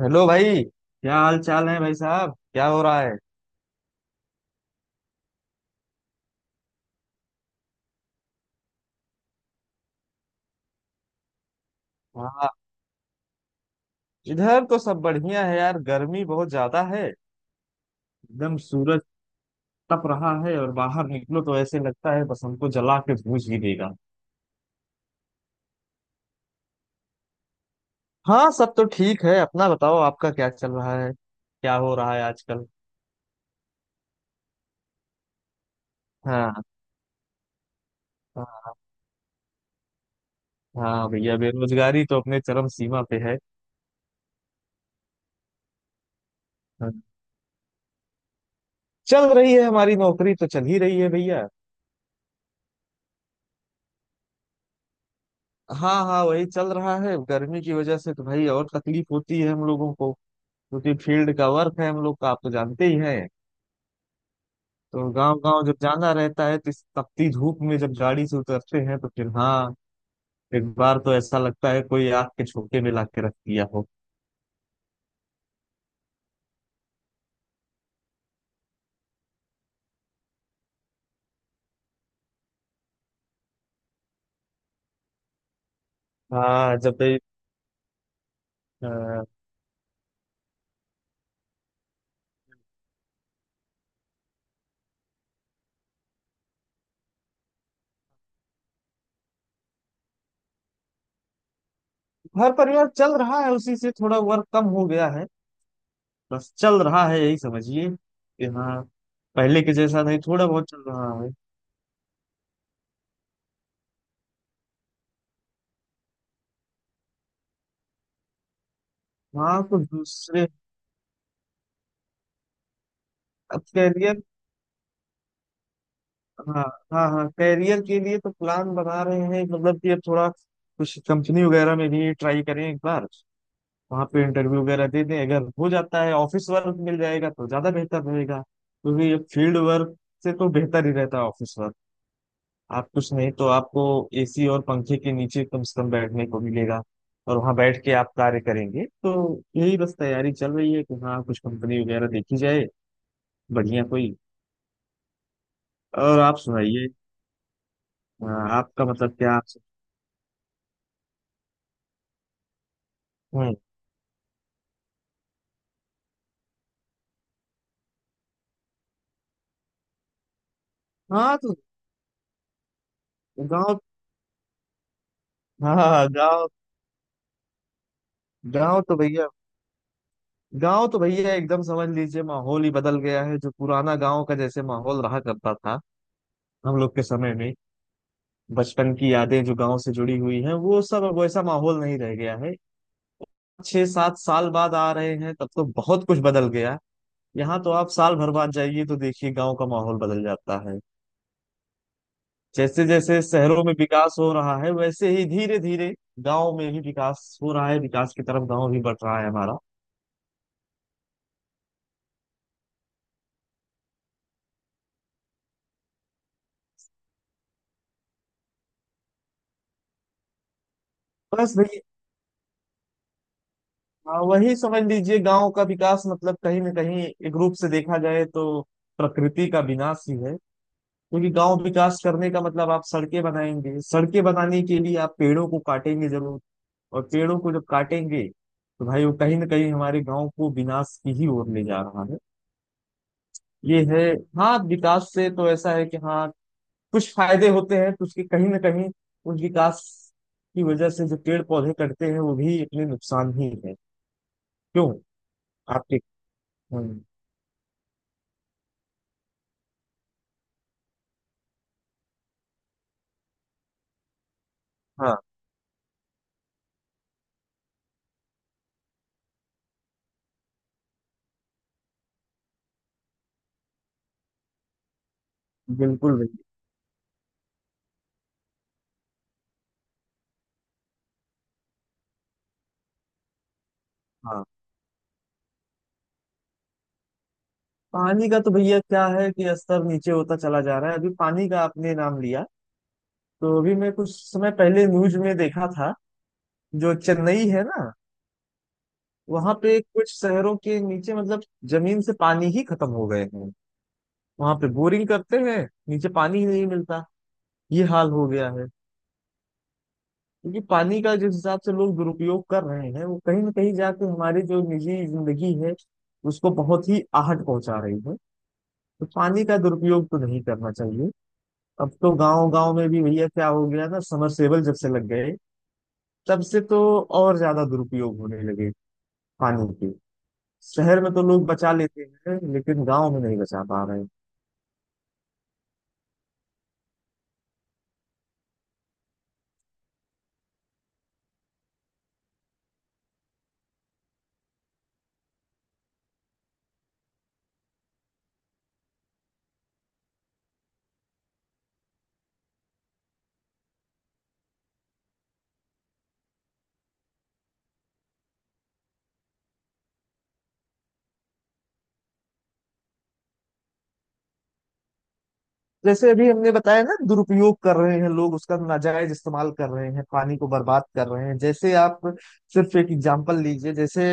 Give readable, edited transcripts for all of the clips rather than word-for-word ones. Hello भाई, क्या हाल चाल है भाई साहब, क्या हो रहा है। हाँ, इधर तो सब बढ़िया है यार। गर्मी बहुत ज्यादा है। एकदम सूरज तप रहा है, और बाहर निकलो तो ऐसे लगता है बस हमको जला के भूज ही देगा। हाँ, सब तो ठीक है। अपना बताओ, आपका क्या चल रहा है, क्या हो रहा है आजकल। हाँ। हाँ। हाँ भैया, बेरोजगारी तो अपने चरम सीमा पे है। हाँ। चल रही है, हमारी नौकरी तो चल ही रही है भैया। हाँ हाँ, वही चल रहा है। गर्मी की वजह से तो भाई और तकलीफ होती है हम लोगों को, क्योंकि फील्ड का वर्क है हम लोग का, आप तो जानते ही हैं। तो गांव गांव जब जाना रहता है तो इस तपती धूप में जब गाड़ी से उतरते हैं, तो फिर हाँ, एक बार तो ऐसा लगता है कोई आग के झोंके में ला के रख दिया हो। हाँ जब ये, अ, घर परिवार चल रहा है, उसी से थोड़ा वर्क कम हो गया है। बस चल रहा है, यही समझिए कि हाँ, पहले के जैसा नहीं, थोड़ा बहुत चल रहा है। हाँ, कुछ दूसरे। अब कैरियर। हाँ हाँ हाँ, करियर के लिए तो प्लान बना रहे हैं। मतलब कि अब थोड़ा कुछ कंपनी वगैरह में भी ट्राई करें एक बार, वहाँ पे इंटरव्यू वगैरह दे दें। अगर हो जाता है ऑफिस वर्क मिल जाएगा तो ज्यादा बेहतर रहेगा, क्योंकि फील्ड वर्क से तो बेहतर ही रहता है ऑफिस वर्क। आप कुछ नहीं तो आपको एसी और पंखे के नीचे कम से कम बैठने को मिलेगा, और वहाँ बैठ के आप कार्य करेंगे। तो यही बस तैयारी चल रही है कि हाँ, कुछ कंपनी वगैरह देखी जाए बढ़िया कोई। और आप सुनाइए। हाँ, आपका मतलब क्या। आप। हाँ तो गांव। हाँ हाँ, गांव। गांव तो भैया, गांव तो भैया एकदम समझ लीजिए, माहौल ही बदल गया है। जो पुराना गांव का जैसे माहौल रहा करता था हम लोग के समय में, बचपन की यादें जो गांव से जुड़ी हुई हैं, वो सब अब वैसा माहौल नहीं रह गया है। छह सात साल बाद आ रहे हैं, तब तो बहुत कुछ बदल गया। यहाँ तो आप साल भर बाद जाइए तो देखिए गांव का माहौल बदल जाता है। जैसे जैसे शहरों में विकास हो रहा है, वैसे ही धीरे धीरे गांव में भी विकास हो रहा है। विकास की तरफ गांव भी बढ़ रहा है हमारा। बस। हाँ, वही समझ लीजिए, गांव का विकास मतलब कहीं ना कहीं, एक रूप से देखा जाए तो प्रकृति का विनाश ही है। क्योंकि गांव विकास करने का मतलब आप सड़कें बनाएंगे, सड़कें बनाने के लिए आप पेड़ों को काटेंगे जरूर। और पेड़ों को जब काटेंगे तो भाई वो कहीं ना कहीं हमारे गांव को विनाश की ही ओर ले जा रहा है। ये है। हाँ, विकास से तो ऐसा है कि हाँ, कुछ फायदे होते हैं तो उसके कहीं ना कहीं उस विकास की वजह से जो पेड़ पौधे कटते हैं वो भी अपने नुकसान ही है। क्यों आपके। हम्म, हाँ, बिल्कुल भैया। हाँ, पानी का तो भैया क्या है कि स्तर नीचे होता चला जा रहा है। अभी पानी का आपने नाम लिया, तो अभी मैं कुछ समय पहले न्यूज में देखा था। जो चेन्नई है ना, वहां पे कुछ शहरों के नीचे मतलब जमीन से पानी ही खत्म हो गए हैं। वहां पे बोरिंग करते हैं, नीचे पानी ही नहीं मिलता। ये हाल हो गया है। क्योंकि पानी का जिस हिसाब से लोग दुरुपयोग कर रहे हैं, वो कहीं ना कहीं जाके हमारी जो निजी जिंदगी है उसको बहुत ही आहट पहुंचा रही है। तो पानी का दुरुपयोग तो नहीं करना चाहिए। अब तो गांव गांव में भी भैया क्या हो गया ना, समरसेबल जब से लग गए तब से तो और ज्यादा दुरुपयोग होने लगे पानी के। शहर में तो लोग बचा लेते हैं, लेकिन गांव में नहीं बचा पा रहे हैं। जैसे अभी हमने बताया ना, दुरुपयोग कर रहे हैं लोग, उसका नाजायज इस्तेमाल कर रहे हैं, पानी को बर्बाद कर रहे हैं। जैसे आप सिर्फ एक एग्जांपल लीजिए, जैसे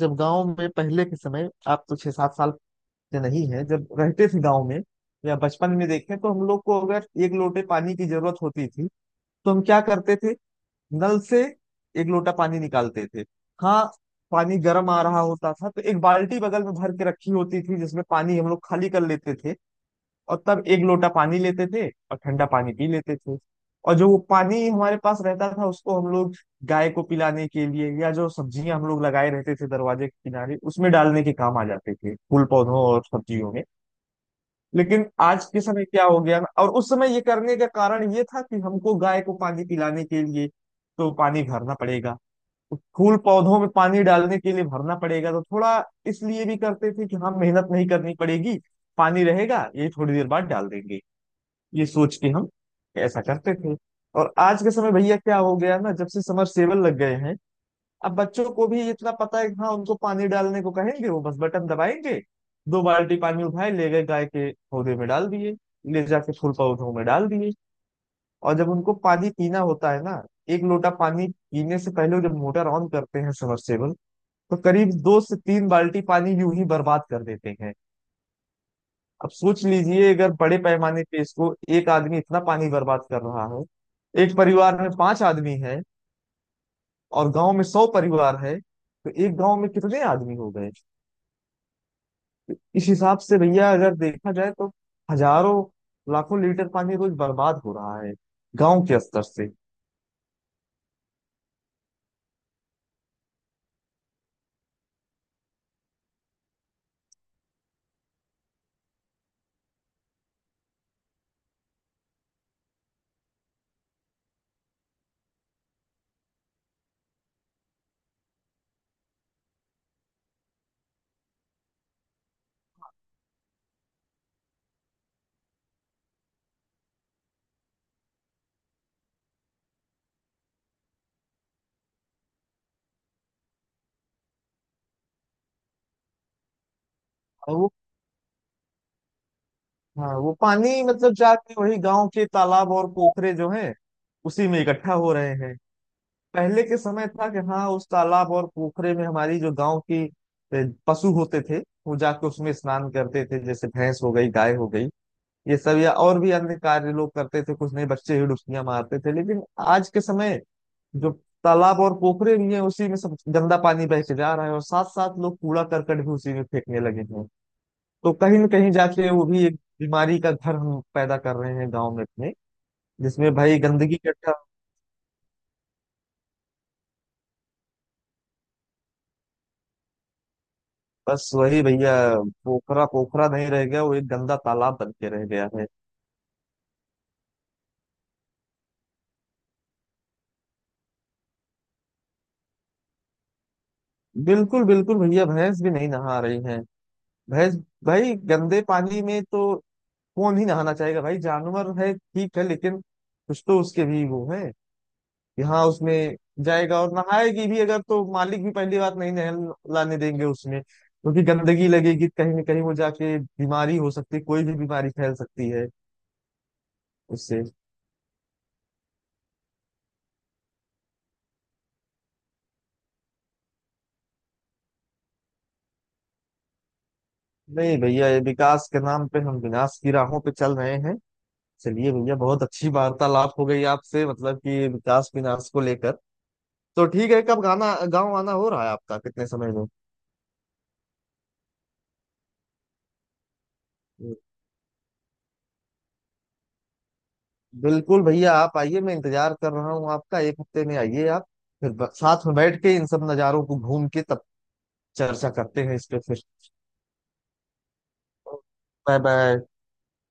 जब गांव में पहले के समय, आप तो छह सात साल से नहीं है जब रहते थे गांव में या बचपन में देखें, तो हम लोग को अगर एक लोटे पानी की जरूरत होती थी तो हम क्या करते थे, नल से एक लोटा पानी निकालते थे। हाँ, पानी गर्म आ रहा होता था तो एक बाल्टी बगल में भर के रखी होती थी, जिसमें पानी हम लोग खाली कर लेते थे, और तब एक लोटा पानी लेते थे और ठंडा पानी पी लेते थे। और जो वो पानी हमारे पास रहता था उसको हम लोग गाय को पिलाने के लिए, या जो सब्जियां हम लोग लगाए रहते थे दरवाजे के किनारे उसमें डालने के काम आ जाते थे, फूल पौधों और सब्जियों में। लेकिन आज के समय क्या हो गया, और उस समय ये करने का कारण ये था कि हमको गाय को पानी पिलाने के लिए तो पानी भरना पड़ेगा, फूल पौधों में पानी डालने के लिए भरना पड़ेगा, तो थोड़ा इसलिए भी करते थे कि हम मेहनत नहीं करनी पड़ेगी, पानी रहेगा ये थोड़ी देर बाद डाल देंगे, ये सोच के हम ऐसा करते थे। और आज के समय भैया क्या हो गया ना, जब से समरसेबल लग गए हैं अब बच्चों को भी इतना पता है कि हाँ, उनको पानी डालने को कहेंगे वो बस बटन दबाएंगे, दो बाल्टी पानी उठाए ले गए गाय के पौधे में डाल दिए, ले जाके फूल पौधों में डाल दिए। और जब उनको पानी पीना होता है ना, एक लोटा पानी पीने से पहले जब मोटर ऑन करते हैं सबमर्सिबल, तो करीब दो से तीन बाल्टी पानी यूं ही बर्बाद कर देते हैं। अब सोच लीजिए, अगर बड़े पैमाने पे इसको एक आदमी इतना पानी बर्बाद कर रहा है, एक परिवार में पांच आदमी है और गांव में 100 परिवार है, तो एक गांव में कितने आदमी हो गए। इस हिसाब से भैया अगर देखा जाए तो हजारों लाखों लीटर पानी रोज बर्बाद हो रहा है गांव के स्तर से। और वो। हाँ, वो पानी मतलब जाके वही गांव के तालाब और पोखरे जो हैं उसी में इकट्ठा हो रहे हैं। पहले के समय था कि हाँ, उस तालाब और पोखरे में हमारी जो गांव की पशु होते थे वो जाके उसमें स्नान करते थे। जैसे भैंस हो गई, गाय हो गई, ये सब, या और भी अन्य कार्य लोग करते थे, कुछ नहीं बच्चे ही डुबकियां मारते थे। लेकिन आज के समय जो तालाब और पोखरे भी हैं उसी में सब गंदा पानी बह के जा रहा है, और साथ साथ लोग कूड़ा करकट भी उसी में फेंकने लगे हैं, तो कहीं ना कहीं जाके वो भी एक बीमारी का घर हम पैदा कर रहे हैं गाँव में अपने, जिसमें भाई गंदगी इकट्ठा। बस वही भैया, पोखरा पोखरा नहीं रह गया, वो एक गंदा तालाब बन के रह गया है। बिल्कुल बिल्कुल भैया, भैंस भी नहीं नहा रही है। भैंस, भाई गंदे पानी में तो कौन ही नहाना चाहेगा। भाई जानवर है ठीक है, लेकिन कुछ तो उसके भी वो है कि हाँ, उसमें जाएगा और नहाएगी भी अगर, तो मालिक भी पहली बात नहीं नहल लाने देंगे उसमें, क्योंकि गंदगी लगेगी, कहीं ना कहीं वो जाके बीमारी हो सकती है, कोई भी बीमारी फैल सकती है उससे। नहीं भैया, ये विकास के नाम पे हम विनाश की राहों पे चल रहे हैं। चलिए भैया, बहुत अच्छी वार्तालाप हो गई आपसे, मतलब कि विकास विनाश को लेकर। तो ठीक है, कब गाना गाँव आना हो रहा है आपका, कितने समय में। बिल्कुल भैया, आप आइए, मैं इंतजार कर रहा हूँ आपका, एक हफ्ते में आइए आप। फिर साथ में बैठ के इन सब नज़ारों को घूम के तब चर्चा करते हैं इस पे फिर। Bye bye.